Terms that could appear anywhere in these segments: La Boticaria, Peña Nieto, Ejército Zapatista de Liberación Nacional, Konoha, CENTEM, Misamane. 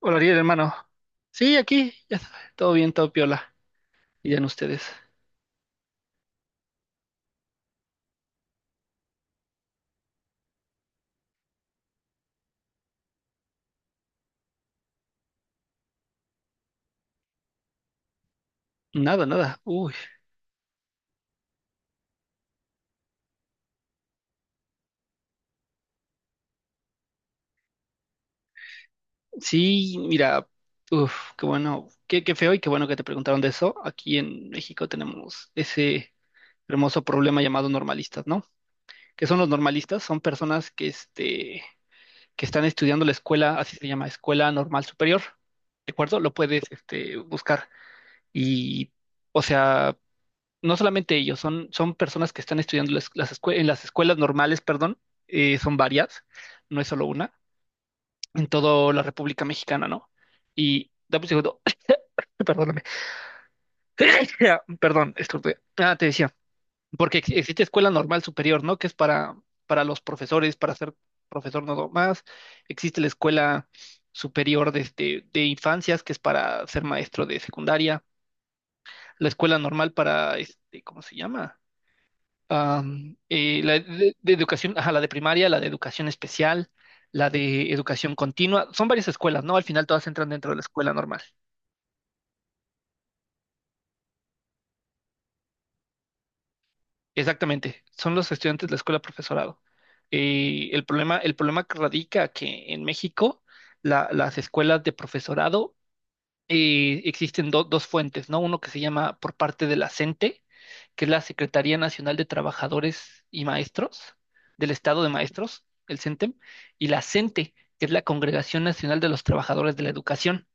Hola, Ariel, hermano. Sí, aquí, ya sabe, todo bien, todo piola. Y ya en ustedes. Nada, nada. Uy, sí, mira, uf, qué bueno, qué feo y qué bueno que te preguntaron de eso. Aquí en México tenemos ese hermoso problema llamado normalistas, ¿no? ¿Qué son los normalistas? Son personas que están estudiando la escuela, así se llama, Escuela Normal Superior, ¿de acuerdo? Lo puedes buscar. Y o sea, no solamente ellos, son personas que están estudiando en las escuelas normales, perdón, son varias, no es solo una, en toda la República Mexicana, ¿no? Y dame un segundo, perdóname, perdón, estornudé. Ah, te decía, porque existe escuela normal superior, ¿no? Que es para los profesores, para ser profesor no más. Existe la escuela superior de infancias, que es para ser maestro de secundaria, la escuela normal para ¿cómo se llama? La de educación, ajá, la de primaria, la de educación especial, la de educación continua, son varias escuelas, ¿no? Al final todas entran dentro de la escuela normal. Exactamente, son los estudiantes de la escuela profesorado. El problema que radica que en México las escuelas de profesorado existen dos fuentes, ¿no? Uno que se llama por parte de la CENTE, que es la Secretaría Nacional de Trabajadores y Maestros del Estado de Maestros, el CENTEM, y la CENTE, que es la Congregación Nacional de los Trabajadores de la Educación.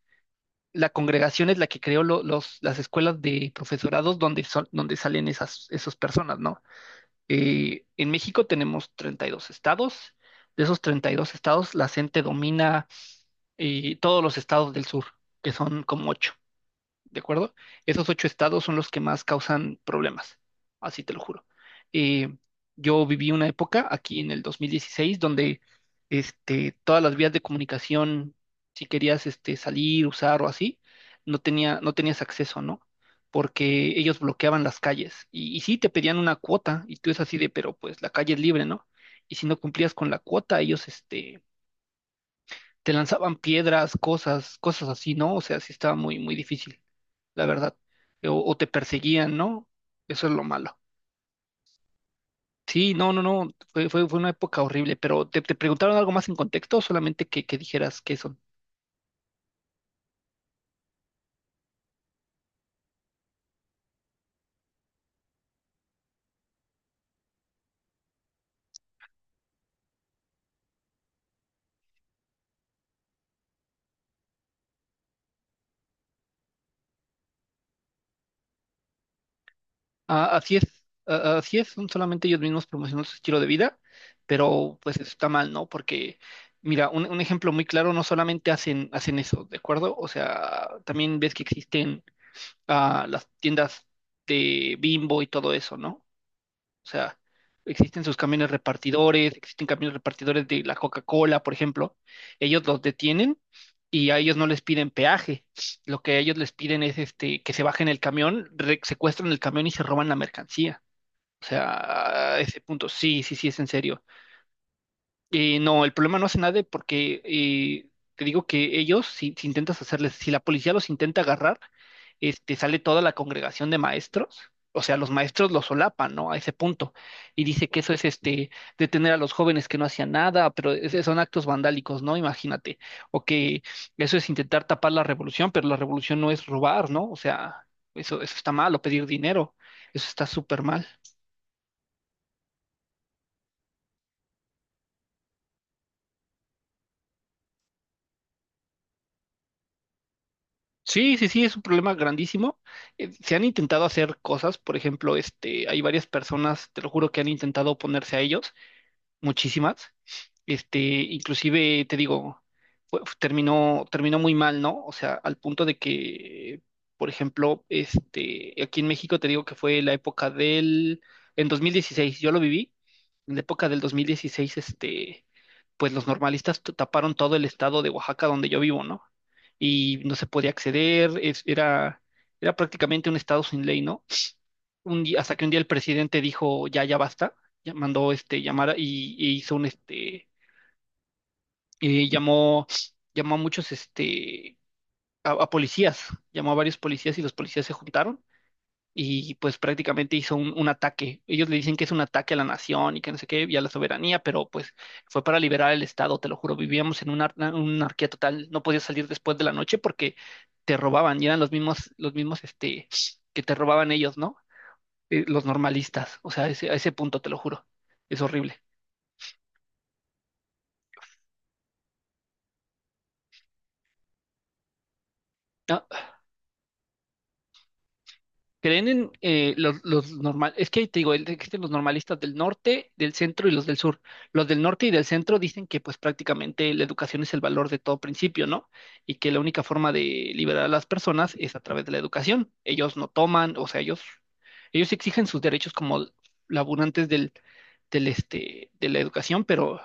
La congregación es la que creó las escuelas de profesorados donde, son, donde salen esas personas, ¿no? En México tenemos 32 estados. De esos 32 estados, la CENTE domina todos los estados del sur, que son como ocho. ¿De acuerdo? Esos ocho estados son los que más causan problemas, así te lo juro. Eh, yo viví una época aquí en el 2016 donde todas las vías de comunicación, si querías salir, usar o así, no tenías acceso, ¿no? Porque ellos bloqueaban las calles y sí te pedían una cuota y tú es así de, pero pues la calle es libre, ¿no? Y si no cumplías con la cuota, ellos te lanzaban piedras, cosas, cosas así, ¿no? O sea, sí estaba muy, muy difícil la verdad. O te perseguían, ¿no? Eso es lo malo. Sí, no, no, no, fue una época horrible, pero ¿te preguntaron algo más en contexto o solamente que dijeras qué son? Ah, así es, ah, así es, son solamente ellos mismos promocionando su estilo de vida, pero pues eso está mal, ¿no? Porque, mira, un ejemplo muy claro, no solamente hacen eso, ¿de acuerdo? O sea, también ves que existen las tiendas de Bimbo y todo eso, ¿no? O sea, existen sus camiones repartidores, existen camiones repartidores de la Coca-Cola, por ejemplo. Ellos los detienen y a ellos no les piden peaje. Lo que a ellos les piden es que se bajen el camión, secuestran el camión y se roban la mercancía. O sea, a ese punto, sí, sí, sí, es en serio. No, el problema no hace nada porque te digo que ellos, si intentas hacerles, si la policía los intenta agarrar, sale toda la congregación de maestros, o sea, los maestros los solapan, ¿no? A ese punto. Y dice que eso es detener a los jóvenes que no hacían nada, pero ese son actos vandálicos, ¿no? Imagínate. O que eso es intentar tapar la revolución, pero la revolución no es robar, ¿no? O sea, eso está mal, o pedir dinero, eso está súper mal. Sí, sí, sí, es un problema grandísimo. Se han intentado hacer cosas, por ejemplo, hay varias personas, te lo juro, que han intentado oponerse a ellos, muchísimas. Inclusive te digo, terminó muy mal, ¿no? O sea, al punto de que, por ejemplo, aquí en México te digo que fue la época en 2016, yo lo viví, en la época del 2016. Pues los normalistas taparon todo el estado de Oaxaca donde yo vivo, ¿no? Y no se podía acceder, era prácticamente un estado sin ley, ¿no? Un día, hasta que un día el presidente dijo, ya, ya basta. Ya mandó llamar y hizo un, este, eh, llamó, llamó a muchos, a policías, llamó a varios policías y los policías se juntaron y pues prácticamente hizo un ataque. Ellos le dicen que es un ataque a la nación y que no sé qué, y a la soberanía, pero pues fue para liberar el Estado, te lo juro, vivíamos en una anarquía total, no podías salir después de la noche porque te robaban y eran los mismos, que te robaban ellos, ¿no? Los normalistas, o sea, a ese punto, te lo juro, es horrible. Ah, creen en es que te digo, existen los normalistas del norte, del centro y los del sur. Los del norte y del centro dicen que pues prácticamente la educación es el valor de todo principio, ¿no? Y que la única forma de liberar a las personas es a través de la educación. Ellos no toman, o sea, ellos exigen sus derechos como laburantes de la educación, pero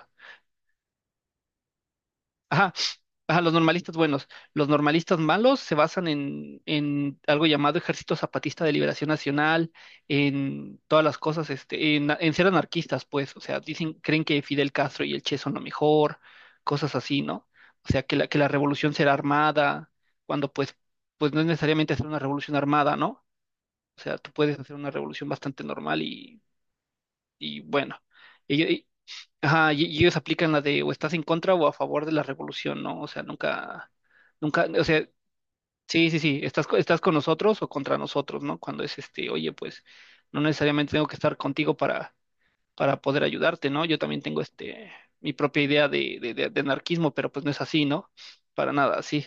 ajá, ajá, los normalistas buenos. Los normalistas malos se basan en algo llamado Ejército Zapatista de Liberación Nacional, en todas las cosas, en ser anarquistas, pues, o sea, dicen, creen que Fidel Castro y el Che son lo mejor, cosas así, ¿no? O sea, que la revolución será armada, cuando pues no es necesariamente hacer una revolución armada, ¿no? O sea, tú puedes hacer una revolución bastante normal y bueno. Ajá, y ellos aplican la de o estás en contra o a favor de la revolución, ¿no? O sea, nunca, nunca, o sea, sí, sí, sí, estás con nosotros o contra nosotros, ¿no? Cuando es oye, pues no necesariamente tengo que estar contigo para, poder ayudarte, ¿no? Yo también tengo mi propia idea de anarquismo, pero pues no es así, ¿no? Para nada, sí.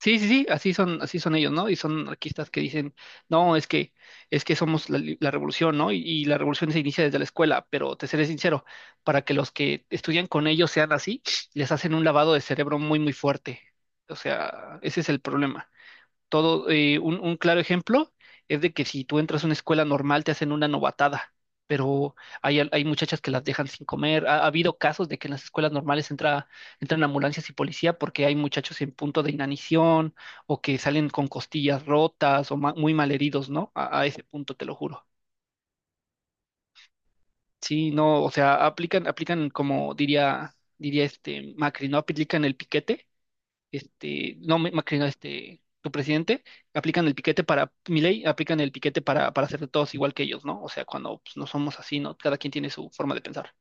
Sí, sí, sí, así son ellos, ¿no? Y son anarquistas que dicen, no, es que somos la revolución, ¿no? Y la revolución se inicia desde la escuela, pero te seré sincero, para que los que estudian con ellos sean así, les hacen un lavado de cerebro muy, muy fuerte. O sea, ese es el problema. Todo, un claro ejemplo es de que si tú entras a una escuela normal te hacen una novatada, pero hay muchachas que las dejan sin comer. Ha habido casos de que en las escuelas normales entran ambulancias y policía porque hay muchachos en punto de inanición o que salen con costillas rotas o muy malheridos, ¿no? A ese punto te lo juro. Sí, no, o sea, aplican como diría este Macri, ¿no? Aplican el piquete no, Macri no, tu presidente, aplican el piquete para, ley aplican el piquete para, hacer de todos igual que ellos, ¿no? O sea, cuando pues, no somos así, ¿no? Cada quien tiene su forma de pensar.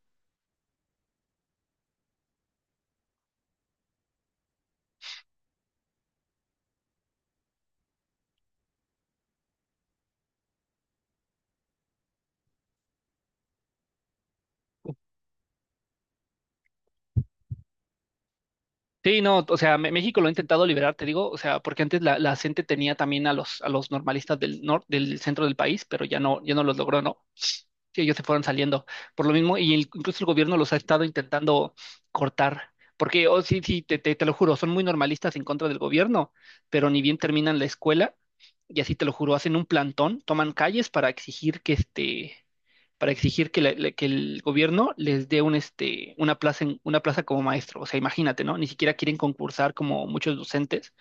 Sí, no, o sea, México lo ha intentado liberar, te digo, o sea, porque antes la CENTE tenía también a los normalistas del norte, del centro del país, pero ya no los logró, ¿no? Sí, ellos se fueron saliendo por lo mismo y incluso el gobierno los ha estado intentando cortar, porque, oh, sí, sí, te lo juro, son muy normalistas en contra del gobierno, pero ni bien terminan la escuela, y así te lo juro, hacen un plantón, toman calles para exigir que el gobierno les dé un, este, una plaza en, una plaza como maestro, o sea, imagínate, ¿no? Ni siquiera quieren concursar como muchos docentes,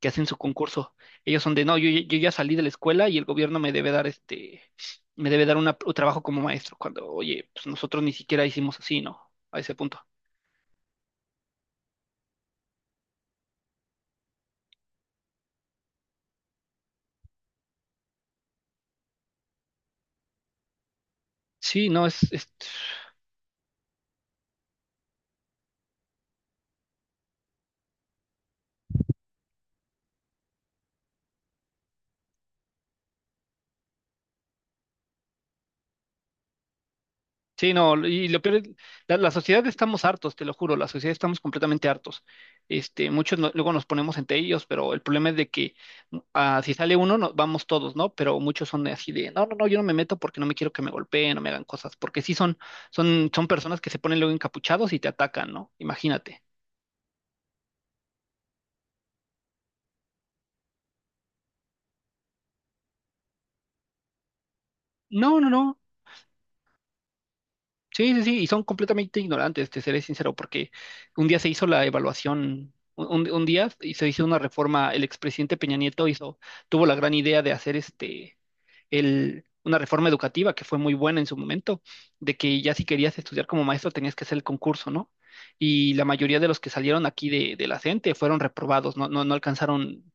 que hacen su concurso. Ellos son de, no, yo ya salí de la escuela y el gobierno me debe dar un trabajo como maestro, cuando, oye, pues nosotros ni siquiera hicimos así, ¿no? A ese punto. Sí, no. Sí, no, y lo peor es, la sociedad estamos hartos, te lo juro, la sociedad estamos completamente hartos. Muchos luego nos ponemos entre ellos, pero el problema es de que si sale uno, vamos todos, ¿no? Pero muchos son así de, no, no, no, yo no me meto porque no me quiero que me golpeen, no me hagan cosas, porque sí son personas que se ponen luego encapuchados y te atacan, ¿no? Imagínate. No, no, no. Sí, sí, sí, y son completamente ignorantes, te seré sincero, porque un día se hizo la evaluación, un día y se hizo una reforma. El expresidente Peña Nieto tuvo la gran idea de hacer una reforma educativa que fue muy buena en su momento, de que ya si querías estudiar como maestro tenías que hacer el concurso, ¿no? Y la mayoría de los que salieron aquí de la CENTE fueron reprobados, no, no, no alcanzaron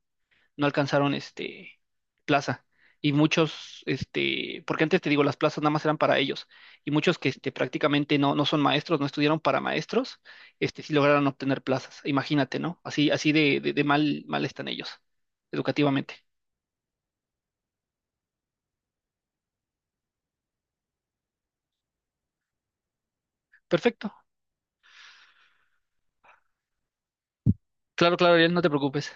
no alcanzaron plaza. Y muchos, porque antes te digo, las plazas nada más eran para ellos. Y muchos que prácticamente no son maestros, no estudiaron para maestros, sí lograron obtener plazas. Imagínate, ¿no? Así, así de mal, mal están ellos, educativamente. Perfecto. Claro, claro, Ariel, no te preocupes.